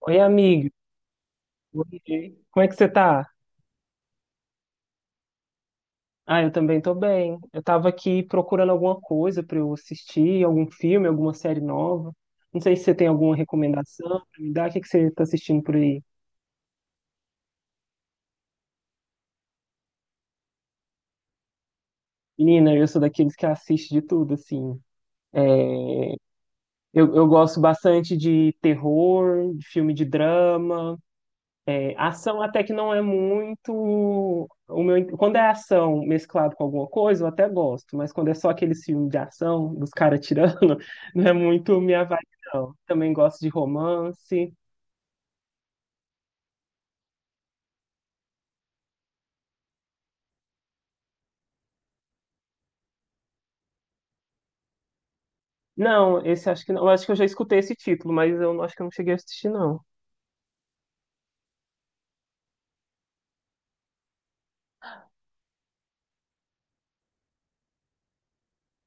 Oi, amiga. Oi. Como é que você tá? Ah, eu também tô bem. Eu tava aqui procurando alguma coisa pra eu assistir, algum filme, alguma série nova. Não sei se você tem alguma recomendação pra me dar. O que que você tá assistindo por aí? Menina, eu sou daqueles que assiste de tudo, assim. Eu gosto bastante de terror, de filme de drama. Ação até que não é muito o meu. Quando é ação mesclado com alguma coisa, eu até gosto, mas quando é só aqueles filmes de ação, dos caras tirando, não é muito minha vibe, não. Também gosto de romance. Não, esse acho que não. Eu acho que eu já escutei esse título, mas eu acho que eu não cheguei a assistir, não.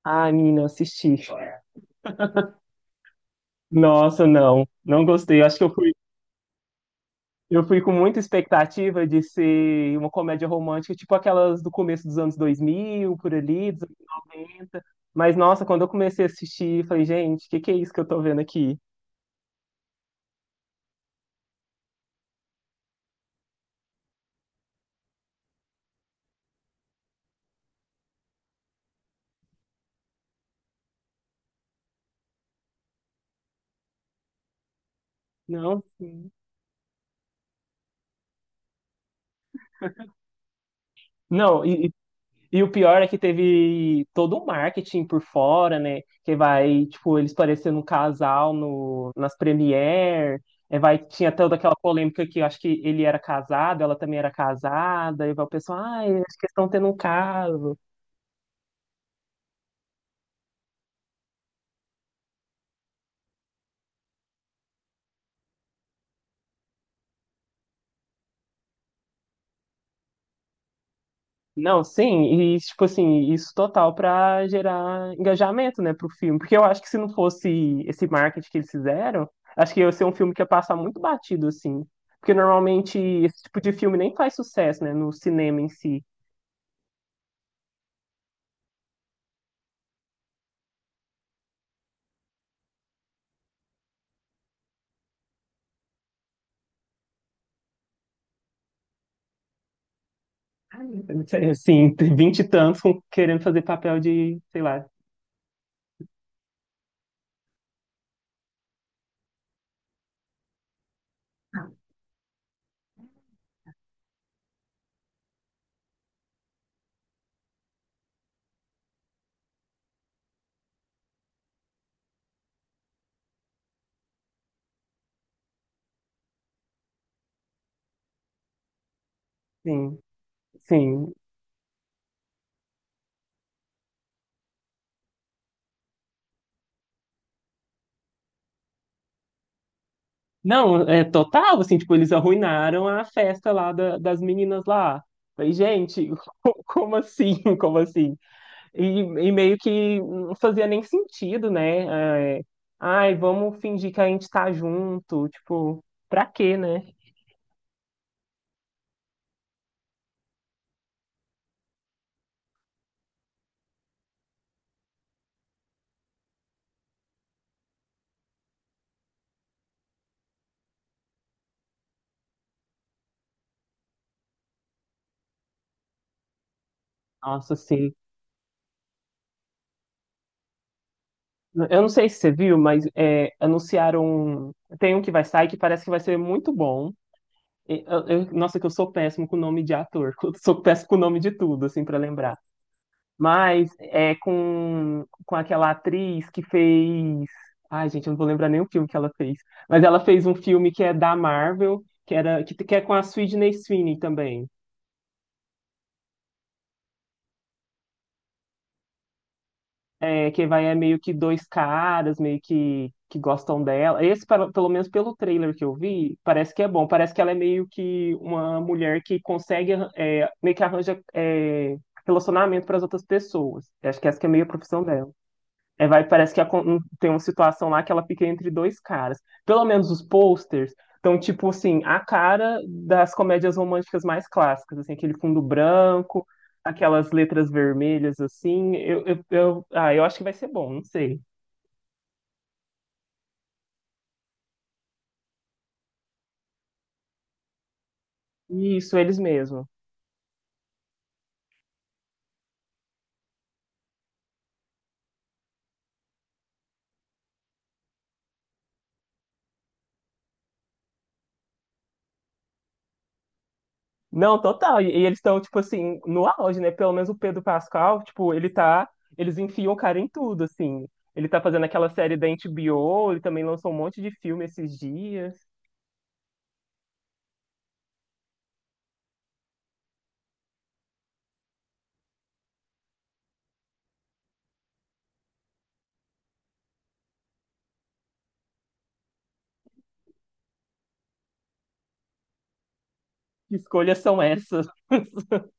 Ah, menina, assisti. Nossa, não. Não gostei. Eu acho que eu fui. Eu fui com muita expectativa de ser uma comédia romântica, tipo aquelas do começo dos anos 2000, por ali, dos anos 90. Mas, nossa, quando eu comecei a assistir, falei, gente, o que que é isso que eu tô vendo aqui? Não, sim. Não, e o pior é que teve todo um marketing por fora, né? Que vai, tipo, eles parecendo um casal no, nas premiere. É, vai, tinha toda aquela polêmica que eu acho que ele era casado, ela também era casada, e vai o pessoal, ai, acho que eles estão tendo um caso. Não, sim, e tipo assim, isso total pra gerar engajamento, né, pro filme. Porque eu acho que se não fosse esse marketing que eles fizeram, acho que ia ser um filme que ia passar muito batido, assim. Porque normalmente esse tipo de filme nem faz sucesso, né, no cinema em si. Assim, tem vinte e tantos querendo fazer papel de, sei lá, sim, sim. Não, é total, assim, tipo, eles arruinaram a festa lá das meninas lá. Falei, gente, como assim? Como assim? E meio que não fazia nem sentido, né? É, ai, vamos fingir que a gente tá junto. Tipo, pra quê, né? Nossa, assim. Eu não sei se você viu, mas é, anunciaram. Tem um que vai sair que parece que vai ser muito bom. E, nossa, que eu sou péssimo com o nome de ator. Eu sou péssimo com o nome de tudo, assim, pra lembrar. Mas é com aquela atriz que fez. Ai, gente, eu não vou lembrar nem o filme que ela fez. Mas ela fez um filme que é da Marvel, que é com a Sydney Sweeney também. É, que vai é meio que dois caras, meio que gostam dela. Esse, pelo menos pelo trailer que eu vi, parece que é bom. Parece que ela é meio que uma mulher que consegue, é, meio que arranja, é, relacionamento para as outras pessoas. Eu acho que essa que é meio a profissão dela. É, vai, parece que tem uma situação lá que ela fica entre dois caras. Pelo menos os posters estão, tipo assim, a cara das comédias românticas mais clássicas, assim, aquele fundo branco, aquelas letras vermelhas, assim. Eu, ah, eu acho que vai ser bom, não sei. Isso, eles mesmo. Não, total. E eles estão, tipo assim, no auge, né? Pelo menos o Pedro Pascal, tipo, ele tá. Eles enfiam o cara em tudo, assim. Ele tá fazendo aquela série da HBO, ele também lançou um monte de filme esses dias. Que escolhas são essas?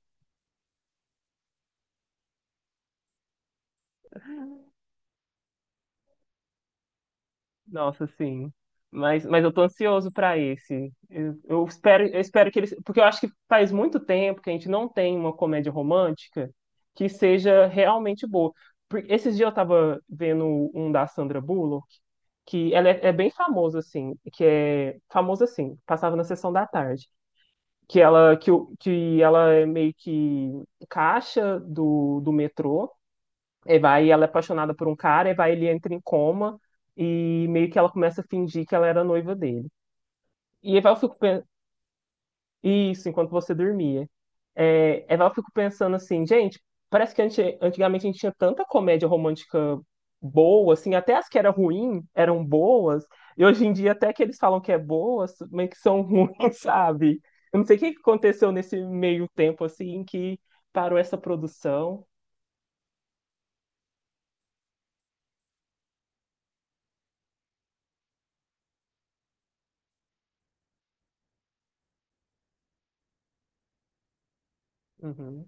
Nossa, sim. Mas eu tô ansioso para esse. Eu espero que eles, porque eu acho que faz muito tempo que a gente não tem uma comédia romântica que seja realmente boa. Esses dias eu tava vendo um da Sandra Bullock, que ela é bem famosa assim, que é famosa assim, passava na sessão da tarde, que ela que, que ela é meio que caixa do, do metrô. Eva, aí ela é apaixonada por um cara, Eva, ele entra em coma e meio que ela começa a fingir que ela era noiva dele. E Eva, eu fico pensando, isso, Enquanto Você Dormia. É, Eva, eu fico pensando assim, gente, parece que antigamente a gente tinha tanta comédia romântica boa, assim, até as que eram ruins eram boas, e hoje em dia até que eles falam que é boas, mas que são ruins, sabe? Eu não sei o que que aconteceu nesse meio tempo, assim, que parou essa produção. Uhum.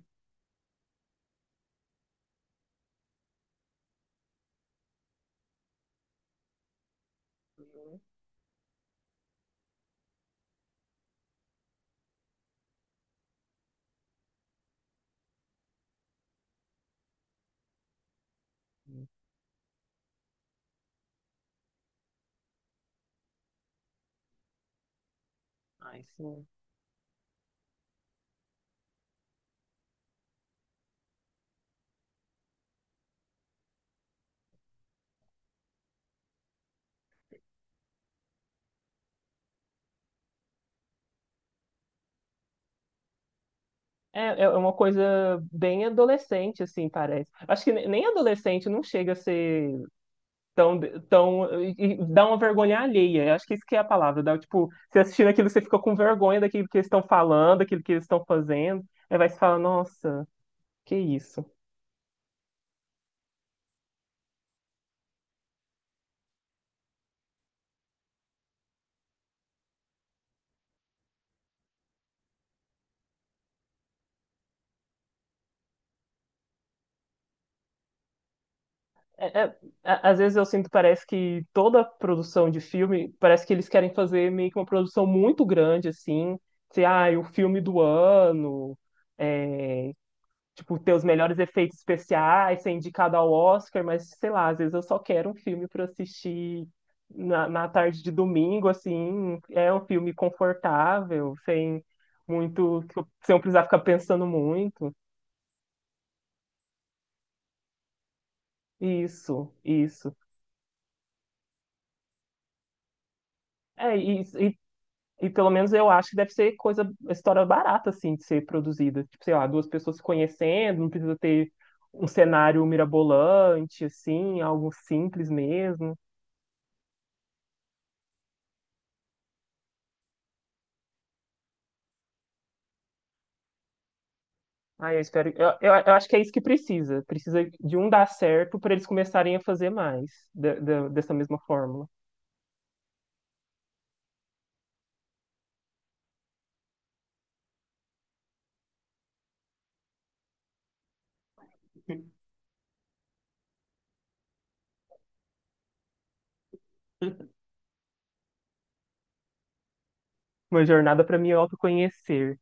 Uhum. Ai, sim. É uma coisa bem adolescente, assim, parece. Acho que nem adolescente não chega a ser tão, tão, e dá uma vergonha alheia. Eu acho que isso que é a palavra. Dá, tipo, você assistindo aquilo, você fica com vergonha daquilo que eles estão falando, daquilo que eles estão fazendo. Aí vai se falar, nossa, que isso. É- é- às vezes eu sinto, parece que toda produção de filme, parece que eles querem fazer meio que uma produção muito grande, assim. Sei, ah, o filme do ano é, tipo, ter os melhores efeitos especiais, ser indicado ao Oscar, mas sei lá, às vezes eu só quero um filme para assistir na tarde de domingo, assim, é um filme confortável, sem muito, que sem eu precisar ficar pensando muito. Isso, isso. É, e pelo menos eu acho que deve ser coisa, história barata, assim, de ser produzida. Tipo, sei lá, duas pessoas se conhecendo, não precisa ter um cenário mirabolante, assim, algo simples mesmo. Ah, eu espero. Eu acho que é isso que precisa. Precisa de um dar certo para eles começarem a fazer mais dessa mesma fórmula. Uma jornada para me autoconhecer.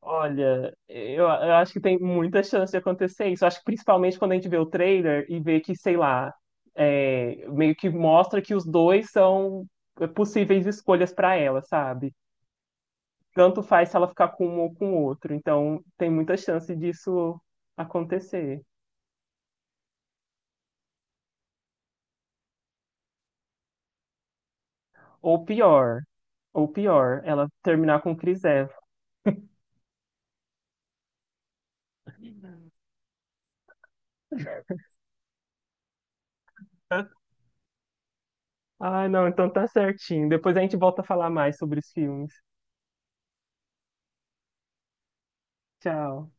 Olha, eu acho que tem muita chance de acontecer isso. Eu acho que principalmente quando a gente vê o trailer e vê que, sei lá, é, meio que mostra que os dois são possíveis escolhas para ela, sabe? Tanto faz se ela ficar com um ou com o outro. Então, tem muita chance disso acontecer. Ou pior, ou pior, ela terminar com Chris Evans. Ah, não, então tá certinho. Depois a gente volta a falar mais sobre os filmes. Tchau.